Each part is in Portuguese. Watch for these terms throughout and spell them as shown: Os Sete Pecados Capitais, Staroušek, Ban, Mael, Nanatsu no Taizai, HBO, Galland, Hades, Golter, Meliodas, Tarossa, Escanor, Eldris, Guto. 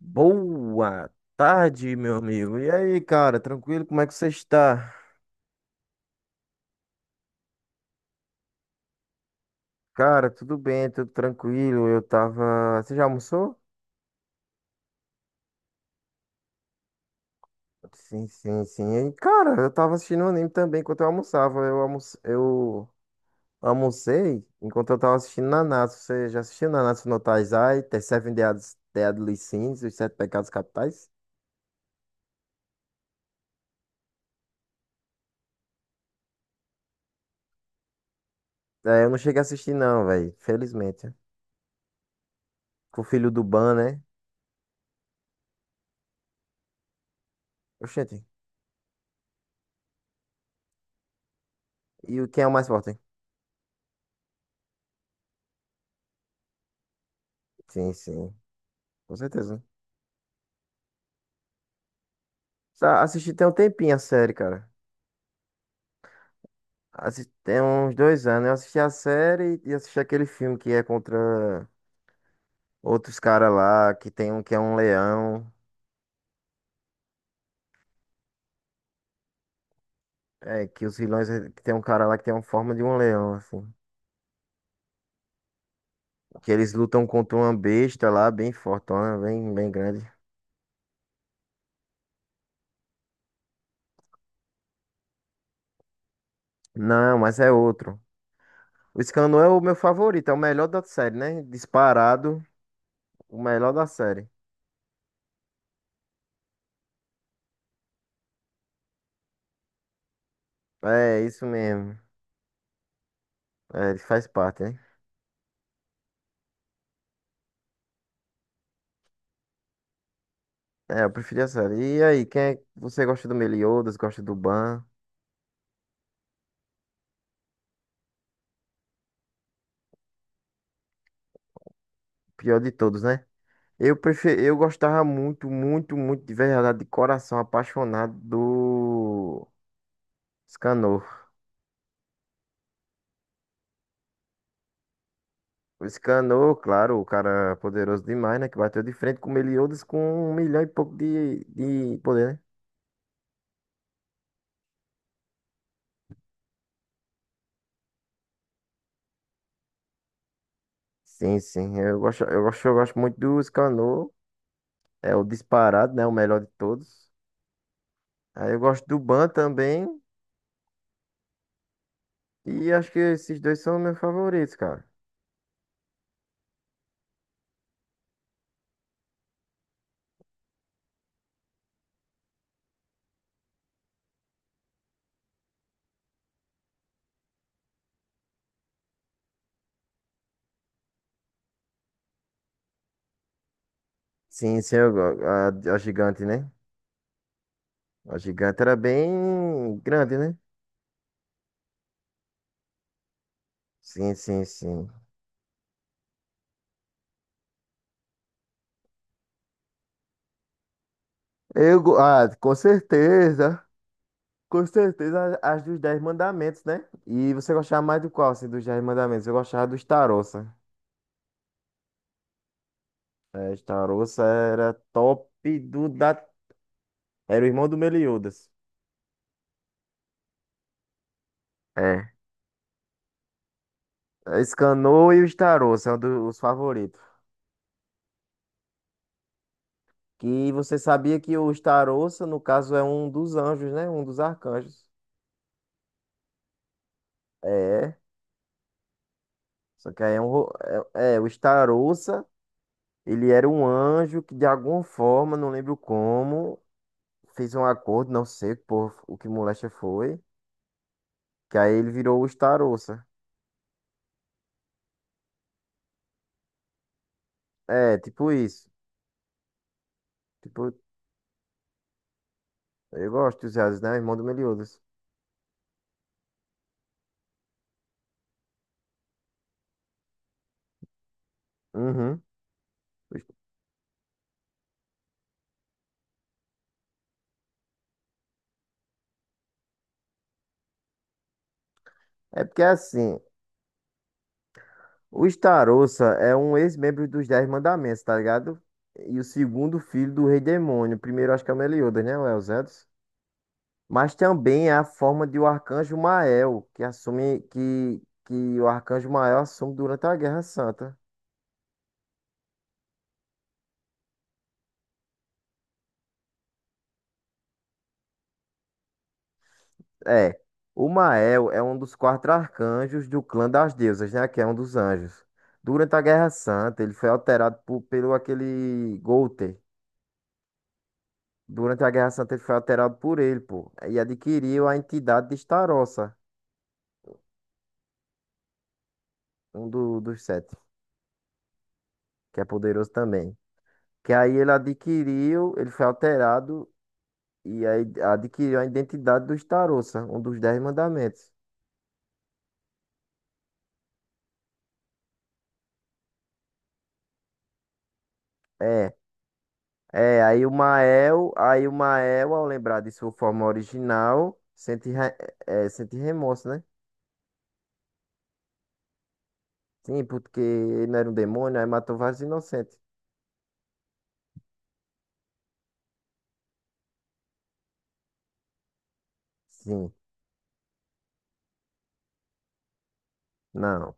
Boa tarde, meu amigo. E aí, cara, tranquilo? Como é que você está? Cara, tudo bem, tudo tranquilo. Eu tava. Você já almoçou? Sim, sim, sim. E, cara, eu tava assistindo um anime também enquanto eu almoçava. Eu almocei enquanto eu tava assistindo Nanatsu. Você já assistiu Nanatsu no Taizai, The Seven Deadly Sins, Os Sete Pecados Capitais? É, eu não cheguei a assistir, não, velho. Felizmente. Com o filho do Ban, né? Oxente. Quem é o mais forte? Sim, sim. Com certeza. Assisti tem um tempinho a série, cara. Tem uns dois anos. Eu assisti a série e assisti aquele filme que é contra outros caras lá, que tem um que é um leão. É, que os vilões, que tem um cara lá que tem uma forma de um leão, assim. Que eles lutam contra uma besta lá, bem fortona, bem, bem grande. Não, mas é outro. O Scanu é o meu favorito, é o melhor da série, né? Disparado, o melhor da série. É, isso mesmo. É, ele faz parte, né? É, eu preferi a série. E aí, quem é... você gosta do Meliodas, gosta do Ban? Pior de todos, né? Eu prefiro, eu gostava muito, muito, muito de verdade, de coração apaixonado do Scanor. O Scanor, claro, o cara poderoso demais, né? Que bateu de frente com o Meliodas com um milhão e pouco de poder, né? Sim, sim. Eu gosto, eu gosto, eu gosto muito do Scanor. É o disparado, né? O melhor de todos. Aí eu gosto do Ban também. E acho que esses dois são meus favoritos, cara. Sim, sim, a gigante, né? A gigante era bem grande, né? Sim, sim, sim. Com certeza. Com certeza as dos Dez Mandamentos, né? E você gostava mais do qual, assim, dos Dez Mandamentos? Eu gostava dos Tarossa. É, os Tarossa era top do da... Era o irmão do Meliodas. É. Escanou e os Tarossa são os favoritos. Que você sabia que os Tarossa, no caso, é um dos anjos, né? Um dos arcanjos. É. Só que aí é um. É, é, o Starouça, ele era um anjo que de alguma forma, não lembro como, fez um acordo, não sei por, o que moléstia foi. Que aí ele virou o Starouça. É, tipo isso. Tipo, eu gosto dos Hades, né? Irmão do Meliodas. Uhum. É porque assim, o Starouça é um ex-membro dos Dez Mandamentos, tá ligado? E o segundo filho do Rei Demônio. O primeiro acho que é o Meliodas, né? Ou é o Zé? Mas também é a forma de o Arcanjo Mael, que assume que o Arcanjo Mael assume durante a Guerra Santa. É, o Mael é um dos quatro arcanjos do clã das deusas, né? Que é um dos anjos. Durante a Guerra Santa, ele foi alterado pelo aquele Golter. Durante a Guerra Santa, ele foi alterado por ele, pô. E adquiriu a entidade de Starossa, um dos sete, que é poderoso também. Que aí ele adquiriu, ele foi alterado. E aí adquiriu a identidade dos tarossa, um dos dez mandamentos. É, aí o Mael, ao lembrar de sua forma original, sente, sente remorso, né? Sim, porque ele não era um demônio, aí matou vários inocentes. Sim, não.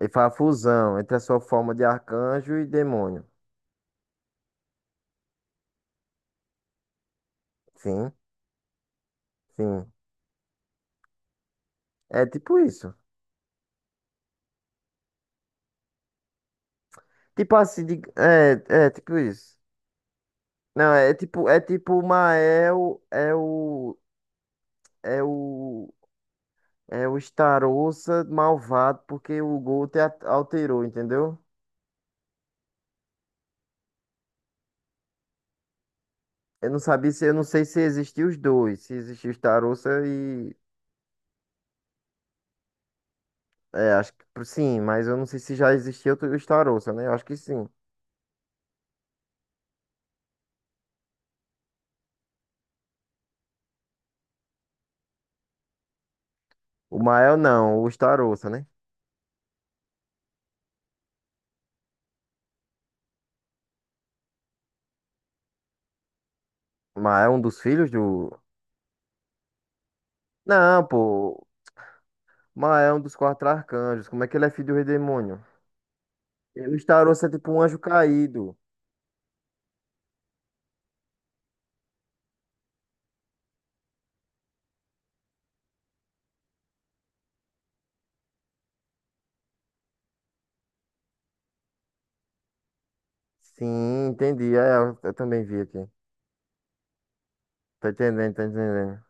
Ele faz a fusão entre a sua forma de arcanjo e demônio. Sim, sim. É tipo isso. Tipo assim, é tipo isso. Não, é tipo o Mael é o. É o Starouça malvado porque o Guto alterou, entendeu? Eu não sabia se, eu não sei se existiam os dois, se existia o Starouça e é, acho que sim, mas eu não sei se já existia outro- o Starouça, né? Eu acho que sim. O Mael não, o Starouça, né? O Mael é um dos filhos do Não, pô. O Mael é um dos quatro arcanjos. Como é que ele é filho do rei demônio? O Starouça é tipo um anjo caído. Sim, entendi. É, eu também vi aqui. Tá entendendo, tá entendendo.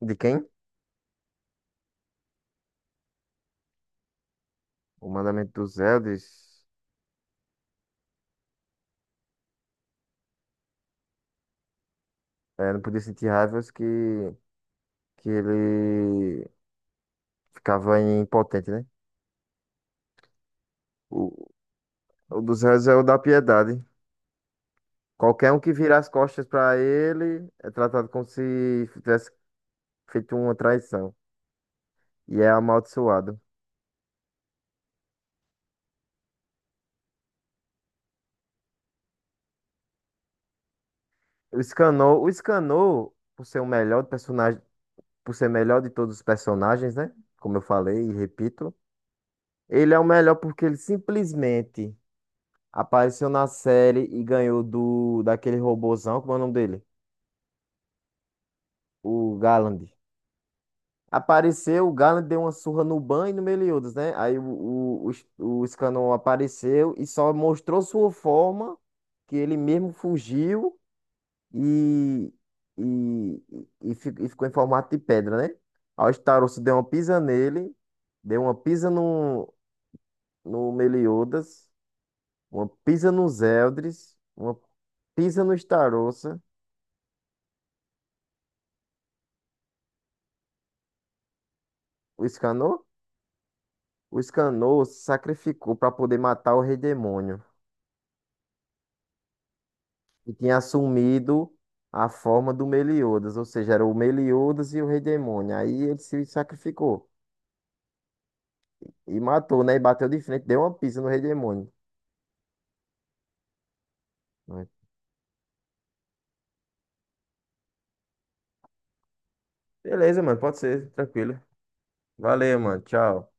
De quem? O mandamento dos Elders é, não podia sentir raivas que ele ficava impotente, né? O, o dos Elders é o da piedade. Qualquer um que virar as costas para ele é tratado como se tivesse feito uma traição e é amaldiçoado. O Scanor, por ser o melhor personagem, por ser melhor de todos os personagens, né? Como eu falei e repito, ele é o melhor porque ele simplesmente apareceu na série e ganhou do daquele robozão, como é o nome dele? O Galland. Apareceu, o Galland deu uma surra no Ban e no Meliodas, né? Aí o Scannon apareceu e só mostrou sua forma, que ele mesmo fugiu e, e, e ficou em formato de pedra, né? Aí o Starost deu uma pisa nele, deu uma pisa no Meliodas, uma pisa nos Eldris, uma pisa no Starost. O Escanor? O Escanor se sacrificou para poder matar o rei demônio. E tinha assumido a forma do Meliodas. Ou seja, era o Meliodas e o rei demônio. Aí ele se sacrificou. E matou, né? E bateu de frente. Deu uma pisa no rei demônio. Né? Beleza, mano, pode ser, tranquilo. Valeu, mano, tchau.